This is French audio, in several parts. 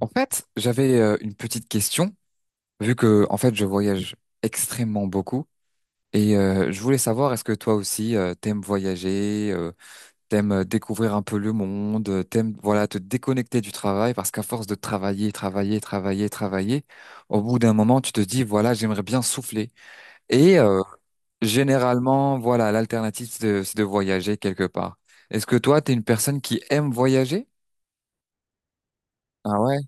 En fait, j'avais une petite question, vu que en fait je voyage extrêmement beaucoup et je voulais savoir est-ce que toi aussi t'aimes voyager, t'aimes découvrir un peu le monde, t'aimes voilà te déconnecter du travail parce qu'à force de travailler, travailler, travailler, travailler, au bout d'un moment tu te dis voilà j'aimerais bien souffler et généralement voilà l'alternative c'est de voyager quelque part. Est-ce que toi t'es une personne qui aime voyager? Ah ouais,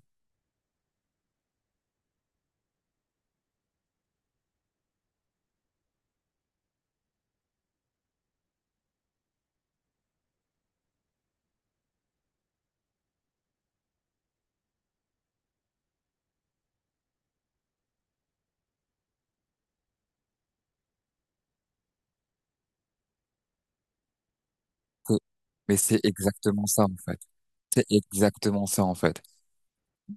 c'est- mais c'est exactement ça en fait. C'est exactement ça en fait.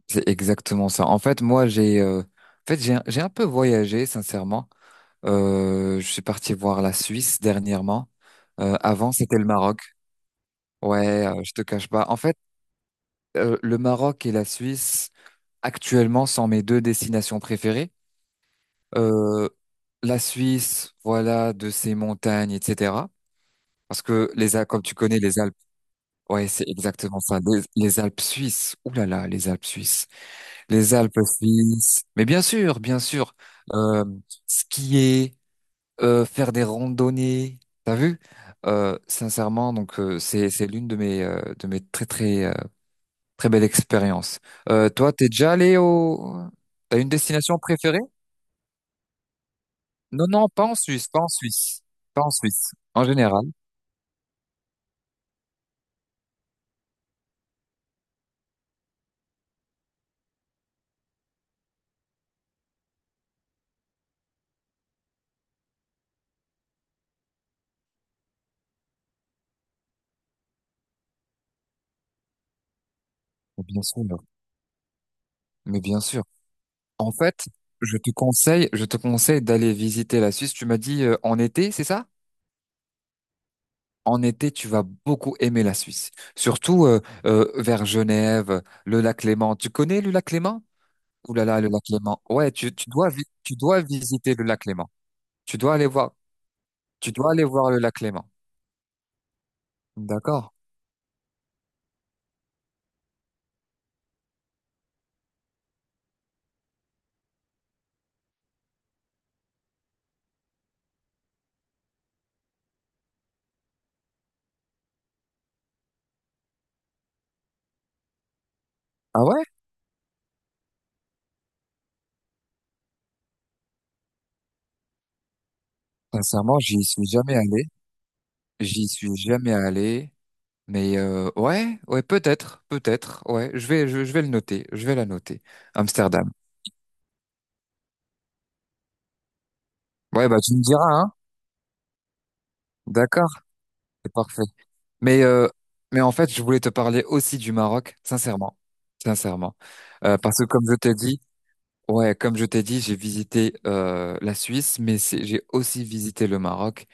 C'est exactement ça. En fait, moi j'ai en fait j'ai un peu voyagé sincèrement. Je suis parti voir la Suisse dernièrement. Avant c'était le Maroc. Ouais, je te cache pas. En fait, le Maroc et la Suisse actuellement sont mes deux destinations préférées. Euh, la Suisse, voilà, de ses montagnes, etc. Parce que les Alpes, comme tu connais les Alpes, ouais, c'est exactement ça. Les Alpes suisses. Ouh là là, les Alpes suisses. Les Alpes suisses. Mais bien sûr, bien sûr. Euh, Skier, faire des randonnées. T'as vu? Sincèrement, c'est l'une de mes, de mes très très très belles expériences. Toi, t'es déjà allé au T'as une destination préférée? Non, non, pas en Suisse, pas en Suisse. En général. Mais bien sûr, mais bien sûr. En fait, je te conseille d'aller visiter la Suisse. Tu m'as dit en été, c'est ça? En été, tu vas beaucoup aimer la Suisse, surtout vers Genève, le lac Léman. Tu connais le lac Léman? Ouh là là, le lac Léman. Ouais, tu dois visiter le lac Léman. Tu dois aller voir, tu dois aller voir le lac Léman. D'accord. Ah ouais? Sincèrement, j'y suis jamais allé. J'y suis jamais allé. Mais ouais, ouais, peut-être, peut-être. Ouais, je vais le noter. Je vais la noter. Amsterdam. Ouais, bah tu me diras, hein. D'accord. C'est parfait. Mais, euh, mais en fait, je voulais te parler aussi du Maroc, sincèrement, sincèrement. Parce que comme je t'ai dit, ouais, comme je t'ai dit, j'ai visité la Suisse, mais j'ai aussi visité le Maroc.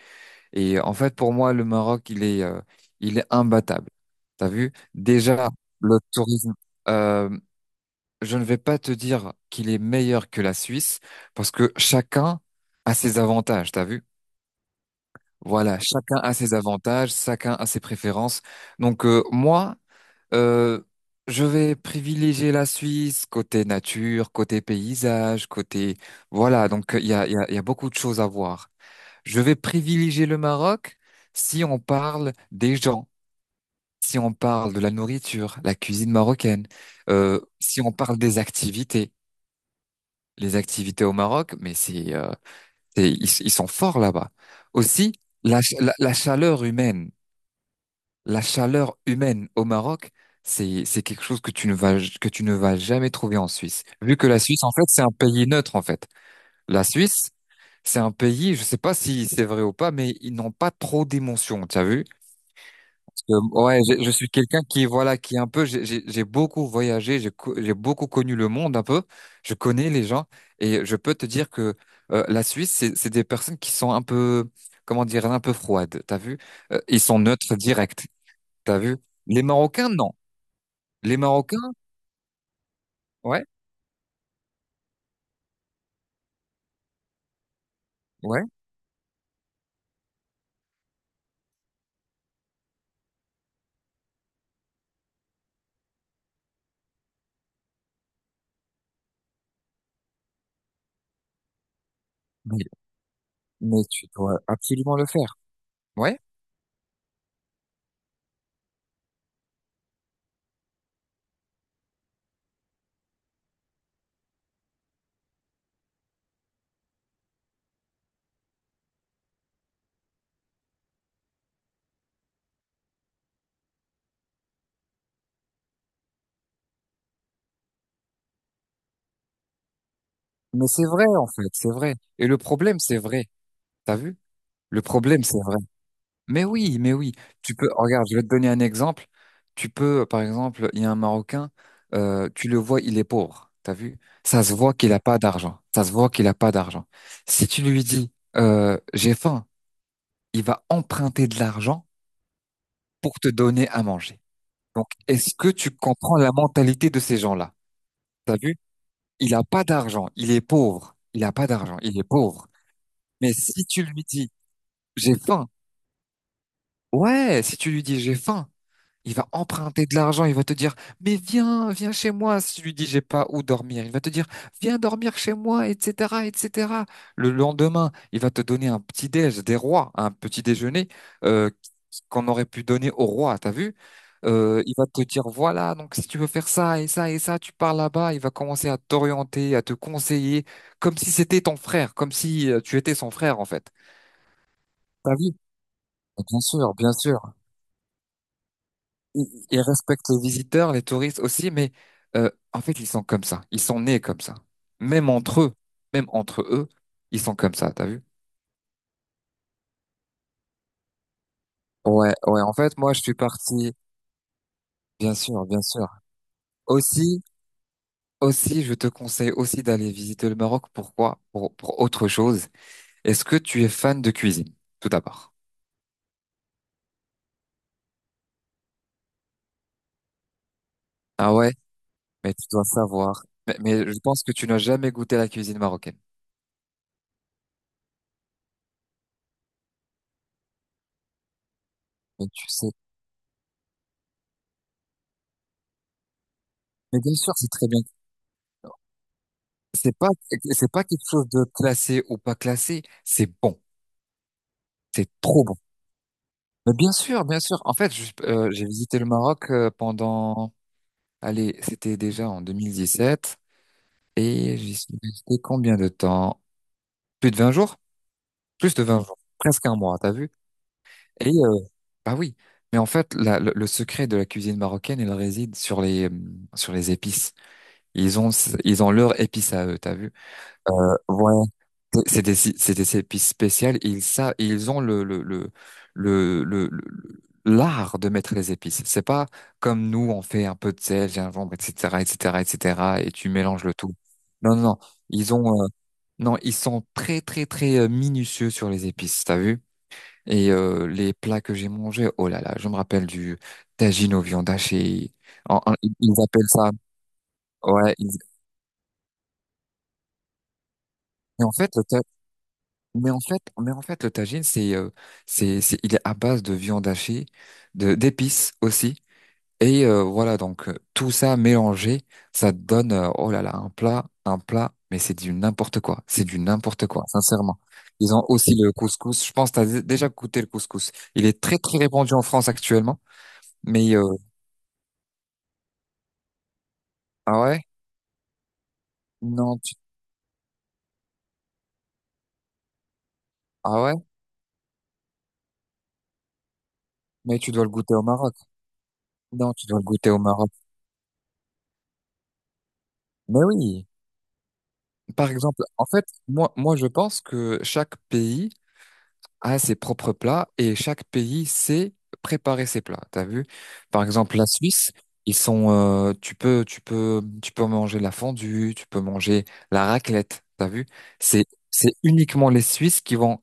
Et en fait, pour moi, le Maroc, il est imbattable. T'as vu? Déjà, le tourisme, euh, je ne vais pas te dire qu'il est meilleur que la Suisse, parce que chacun a ses avantages. T'as vu? Voilà, chacun a ses avantages, chacun a ses préférences. Moi. Euh, je vais privilégier la Suisse côté nature, côté paysage, côté... Voilà, il y a, il y a, il y a beaucoup de choses à voir. Je vais privilégier le Maroc si on parle des gens, si on parle de la nourriture, la cuisine marocaine, si on parle des activités. Les activités au Maroc, mais ils sont forts là-bas. Aussi, la chaleur humaine. La chaleur humaine au Maroc, c'est quelque chose que tu ne vas que tu ne vas jamais trouver en Suisse. Vu que la Suisse, en fait, c'est un pays neutre, en fait. La Suisse, c'est un pays, je sais pas si c'est vrai ou pas, mais ils n'ont pas trop d'émotions, tu as vu? Parce que, ouais, je suis quelqu'un qui, voilà, qui est un peu, j'ai beaucoup voyagé, j'ai beaucoup connu le monde un peu, je connais les gens, et je peux te dire que la Suisse, c'est des personnes qui sont un peu, comment dire, un peu froides, t'as vu? Ils sont neutres directs. T'as vu? Les Marocains, non. Les Marocains, ouais, ouais, mais, mais tu dois absolument le faire. Ouais, mais c'est vrai, en fait, c'est vrai. Et le problème, c'est vrai. T'as vu? Le problème, c'est vrai. Mais oui, mais oui. Tu peux, regarde, je vais te donner un exemple. Tu peux, par exemple, il y a un Marocain, tu le vois, il est pauvre. T'as vu? Ça se voit qu'il n'a pas d'argent. Ça se voit qu'il n'a pas d'argent. Si tu lui dis, j'ai faim, il va emprunter de l'argent pour te donner à manger. Donc, est-ce que tu comprends la mentalité de ces gens-là? T'as vu? Il a pas d'argent, il est pauvre. Il a pas d'argent, il est pauvre. Mais si tu lui dis, j'ai faim, ouais, si tu lui dis, j'ai faim, il va emprunter de l'argent, il va te dire, mais viens, viens chez moi. Si tu lui dis, j'ai pas où dormir, il va te dire, viens dormir chez moi, etc., etc. Le lendemain, il va te donner un petit déj, des rois, un petit déjeuner, euh, qu'on aurait pu donner au roi, t'as vu? Il va te dire, voilà, donc si tu veux faire ça et ça et ça, tu pars là-bas, il va commencer à t'orienter, à te conseiller, comme si c'était ton frère, comme si tu étais son frère, en fait. T'as vu? Bien sûr, bien sûr. Ils respectent les visiteurs, les touristes aussi, mais en fait, ils sont comme ça. Ils sont nés comme ça. Même entre eux, même entre eux, ils sont comme ça, t'as vu? Ouais, ouais, en fait, moi, je suis parti, bien sûr, bien sûr. Aussi, aussi, je te conseille aussi d'aller visiter le Maroc. Pourquoi? Pour autre chose. Est-ce que tu es fan de cuisine, tout d'abord? Ah ouais? Mais tu dois savoir. Mais je pense que tu n'as jamais goûté la cuisine marocaine. Mais tu sais. Mais bien sûr, c'est très bien. C'est pas, c'est pas quelque chose de classé ou pas classé. C'est bon. C'est trop bon. Mais bien sûr, bien sûr. En fait, j'ai visité le Maroc pendant, allez, c'était déjà en 2017 et j'y suis resté combien de temps? Plus de 20 jours? Plus de 20 jours, presque un mois, t'as vu? Et bah oui, mais en fait, le secret de la cuisine marocaine, il réside sur les épices. Ils ont ils ont leurs épices à eux, t'as vu? Ouais, c'est c'est des épices spéciales. Ils ça ils ont l'art de mettre les épices. C'est pas comme nous, on fait un peu de sel, gingembre, etc., etc., etc. Et cetera, et tu mélanges le tout. Non, non, non. Ils ont non, ils sont très très très minutieux sur les épices, t'as vu? Et les plats que j'ai mangés, oh là là, je me rappelle du tagine aux viandes hachées ils appellent ça. Ouais. Mais en fait, le ta- mais en fait, le tagine, c'est, il est à base de viande hachée, de d'épices aussi. Et voilà, tout ça mélangé, ça donne, oh là là, un plat, un plat. Mais c'est du n'importe quoi. C'est du n'importe quoi, sincèrement. Ils ont aussi le couscous. Je pense que déjà goûté le couscous. Il est très très répandu en France actuellement. Mais ah ouais? Non, tu- ah ouais? Mais tu dois le goûter au Maroc. Non, tu dois le goûter au Maroc. Mais oui. Par exemple, en fait, moi, je pense que chaque pays a ses propres plats et chaque pays sait préparer ses plats. T'as vu? Par exemple, la Suisse, ils sont, tu peux manger la fondue, tu peux manger la raclette. T'as vu? C'est, c'est uniquement les Suisses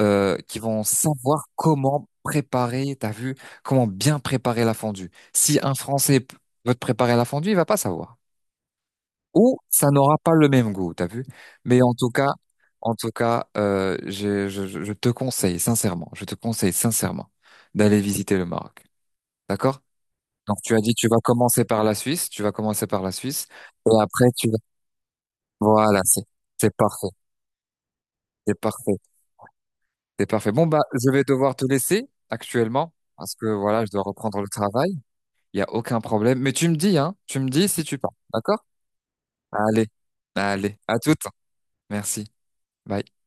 qui vont savoir comment préparer, t'as vu, comment bien préparer la fondue. Si un Français veut te préparer la fondue, il va pas savoir. Ou ça n'aura pas le même goût, t'as vu. Mais en tout cas, je te conseille sincèrement, je te conseille sincèrement d'aller visiter le Maroc. D'accord? Donc tu as dit tu vas commencer par la Suisse, tu vas commencer par la Suisse, et après tu vas... Voilà, c'est parfait. C'est parfait. C'est parfait. Bon, bah, je vais devoir te laisser actuellement parce que voilà, je dois reprendre le travail. Il n'y a aucun problème. Mais tu me dis, hein, tu me dis si tu pars. D'accord? Allez, allez, à toutes. Merci. Bye.